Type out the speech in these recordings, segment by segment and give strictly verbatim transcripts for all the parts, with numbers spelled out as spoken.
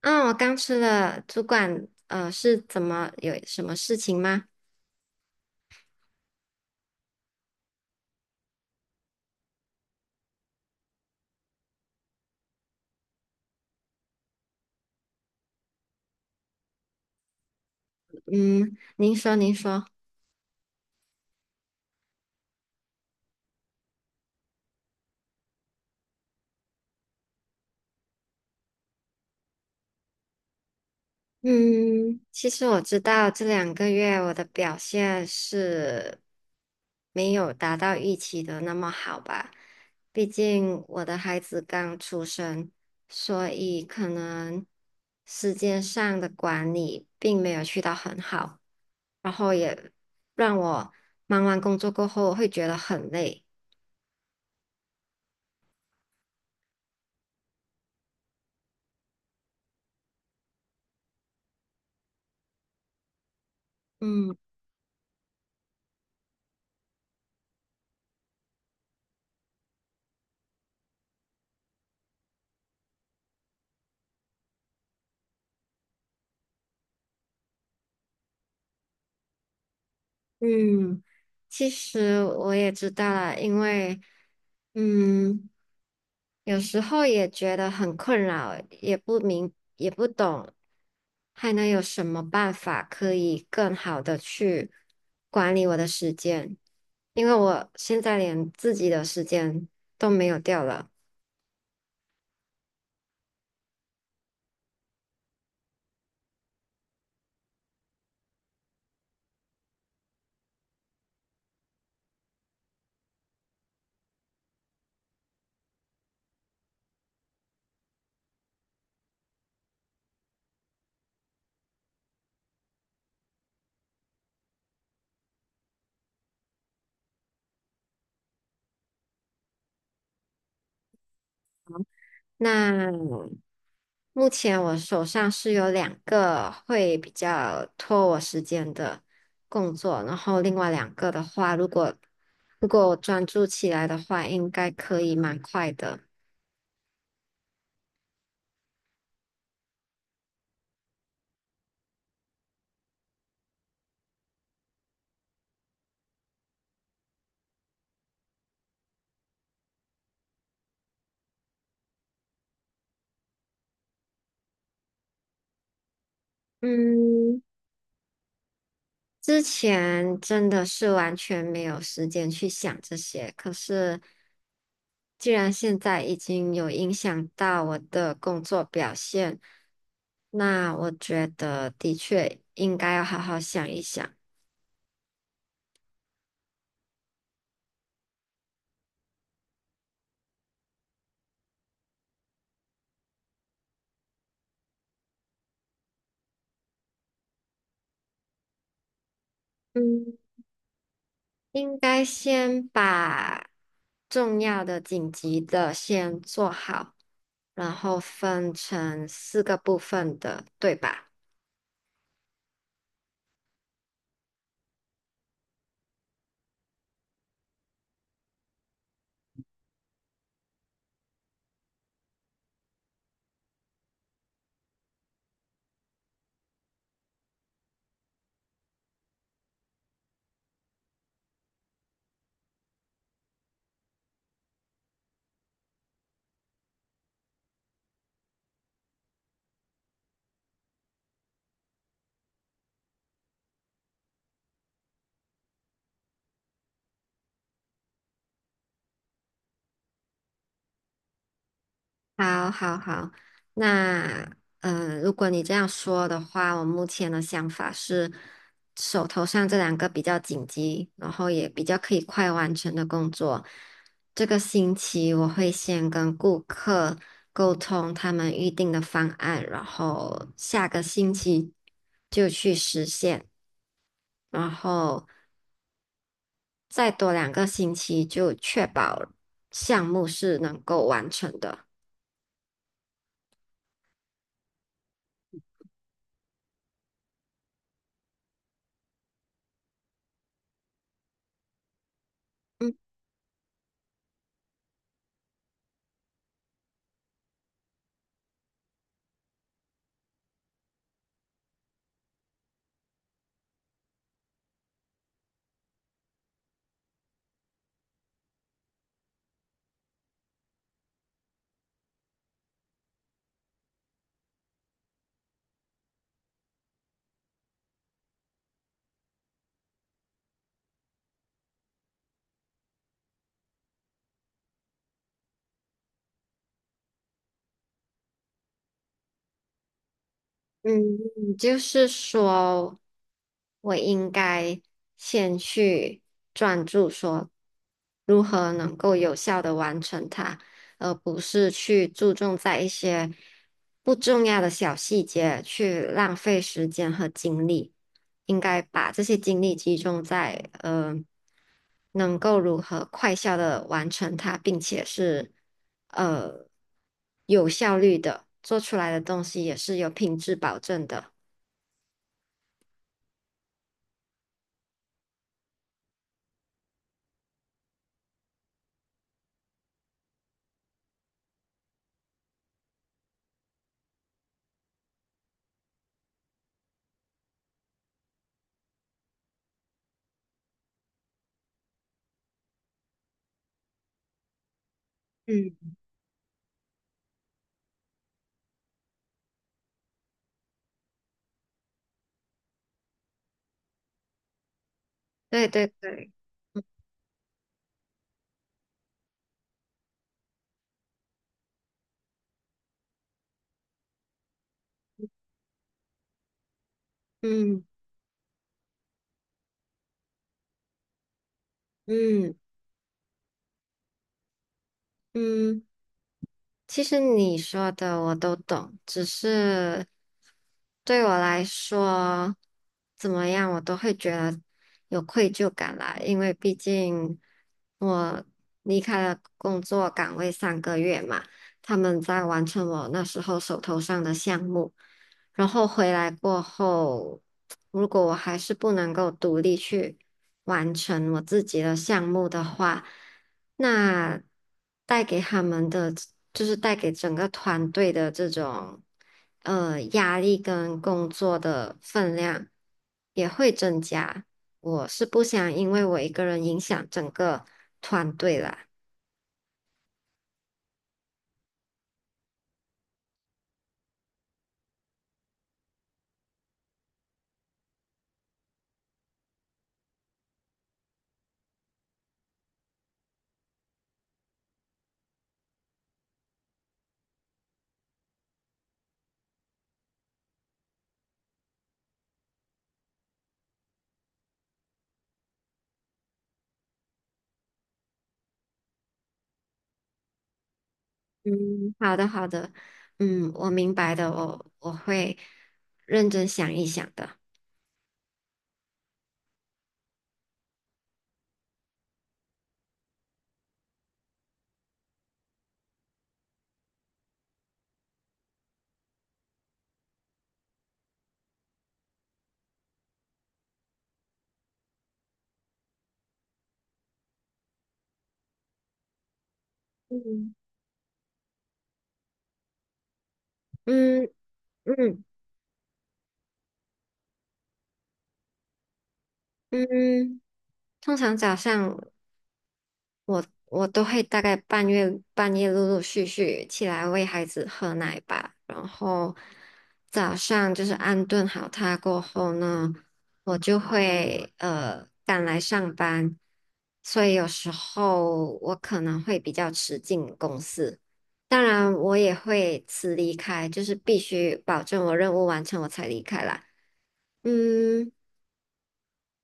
嗯，我刚吃了，主管，呃，是怎么有什么事情吗？嗯，您说，您说。嗯，其实我知道这两个月我的表现是没有达到预期的那么好吧，毕竟我的孩子刚出生，所以可能时间上的管理并没有去到很好，然后也让我忙完工作过后会觉得很累。嗯。嗯，其实我也知道了，因为嗯，有时候也觉得很困扰，也不明，也不懂，还能有什么办法可以更好的去管理我的时间？因为我现在连自己的时间都没有掉了。那目前我手上是有两个会比较拖我时间的工作，然后另外两个的话，如果如果我专注起来的话，应该可以蛮快的。嗯，之前真的是完全没有时间去想这些，可是既然现在已经有影响到我的工作表现，那我觉得的确应该要好好想一想。嗯。应该先把重要的、紧急的先做好，然后分成四个部分的，对吧？好，好，好。那，呃，如果你这样说的话，我目前的想法是，手头上这两个比较紧急，然后也比较可以快完成的工作，这个星期我会先跟顾客沟通他们预定的方案，然后下个星期就去实现，然后再多两个星期就确保项目是能够完成的。嗯。嗯，就是说，我应该先去专注，说如何能够有效的完成它，而不是去注重在一些不重要的小细节去浪费时间和精力。应该把这些精力集中在呃，能够如何快效的完成它，并且是呃有效率的，做出来的东西也是有品质保证的。嗯对对对，嗯嗯嗯。其实你说的我都懂，只是对我来说，怎么样我都会觉得有愧疚感啦，因为毕竟我离开了工作岗位三个月嘛，他们在完成我那时候手头上的项目，然后回来过后，如果我还是不能够独立去完成我自己的项目的话，那带给他们的就是带给整个团队的这种呃压力跟工作的分量也会增加。我是不想因为我一个人影响整个团队啦。嗯，好的，好的，嗯，我明白的，我我会认真想一想的。嗯嗯嗯嗯，通常早上我我都会大概半夜半夜陆陆续续起来喂孩子喝奶吧，然后早上就是安顿好他过后呢，我就会呃赶来上班，所以有时候我可能会比较迟进公司，当然我也会迟离开，就是必须保证我任务完成我才离开啦。嗯。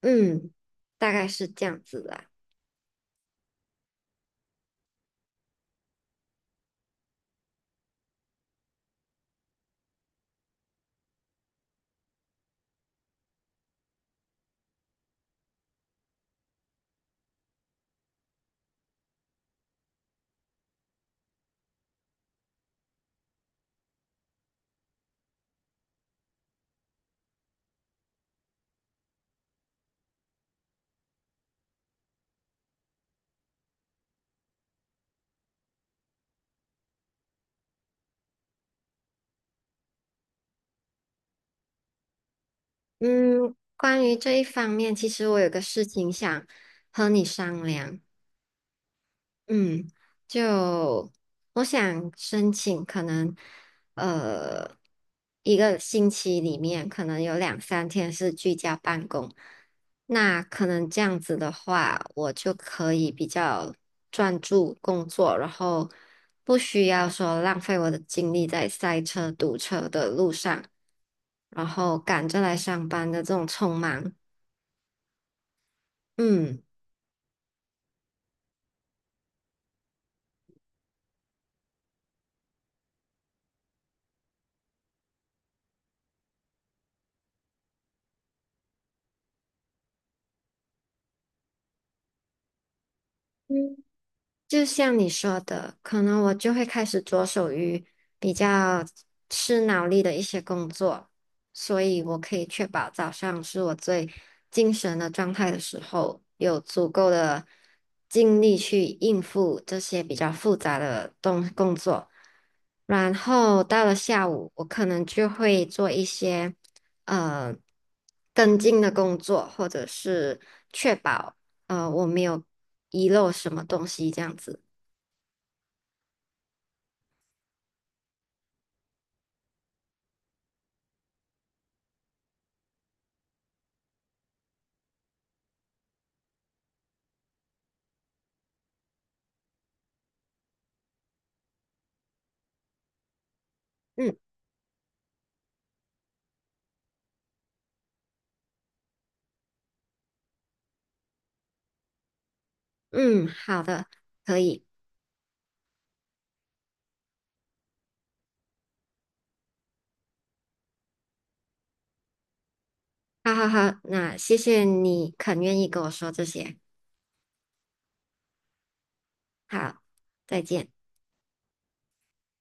嗯，大概是这样子的。嗯，关于这一方面，其实我有个事情想和你商量。嗯，就我想申请，可能呃一个星期里面可能有两三天是居家办公，那可能这样子的话，我就可以比较专注工作，然后不需要说浪费我的精力在塞车、堵车的路上，然后赶着来上班的这种匆忙。嗯。就像你说的，可能我就会开始着手于比较吃脑力的一些工作，所以我可以确保早上是我最精神的状态的时候，有足够的精力去应付这些比较复杂的东工作。然后到了下午，我可能就会做一些呃跟进的工作，或者是。确保。呃，我没有遗漏什么东西这样子。嗯嗯，好的，可以，好好好，那谢谢你肯愿意跟我说这些，好，再见。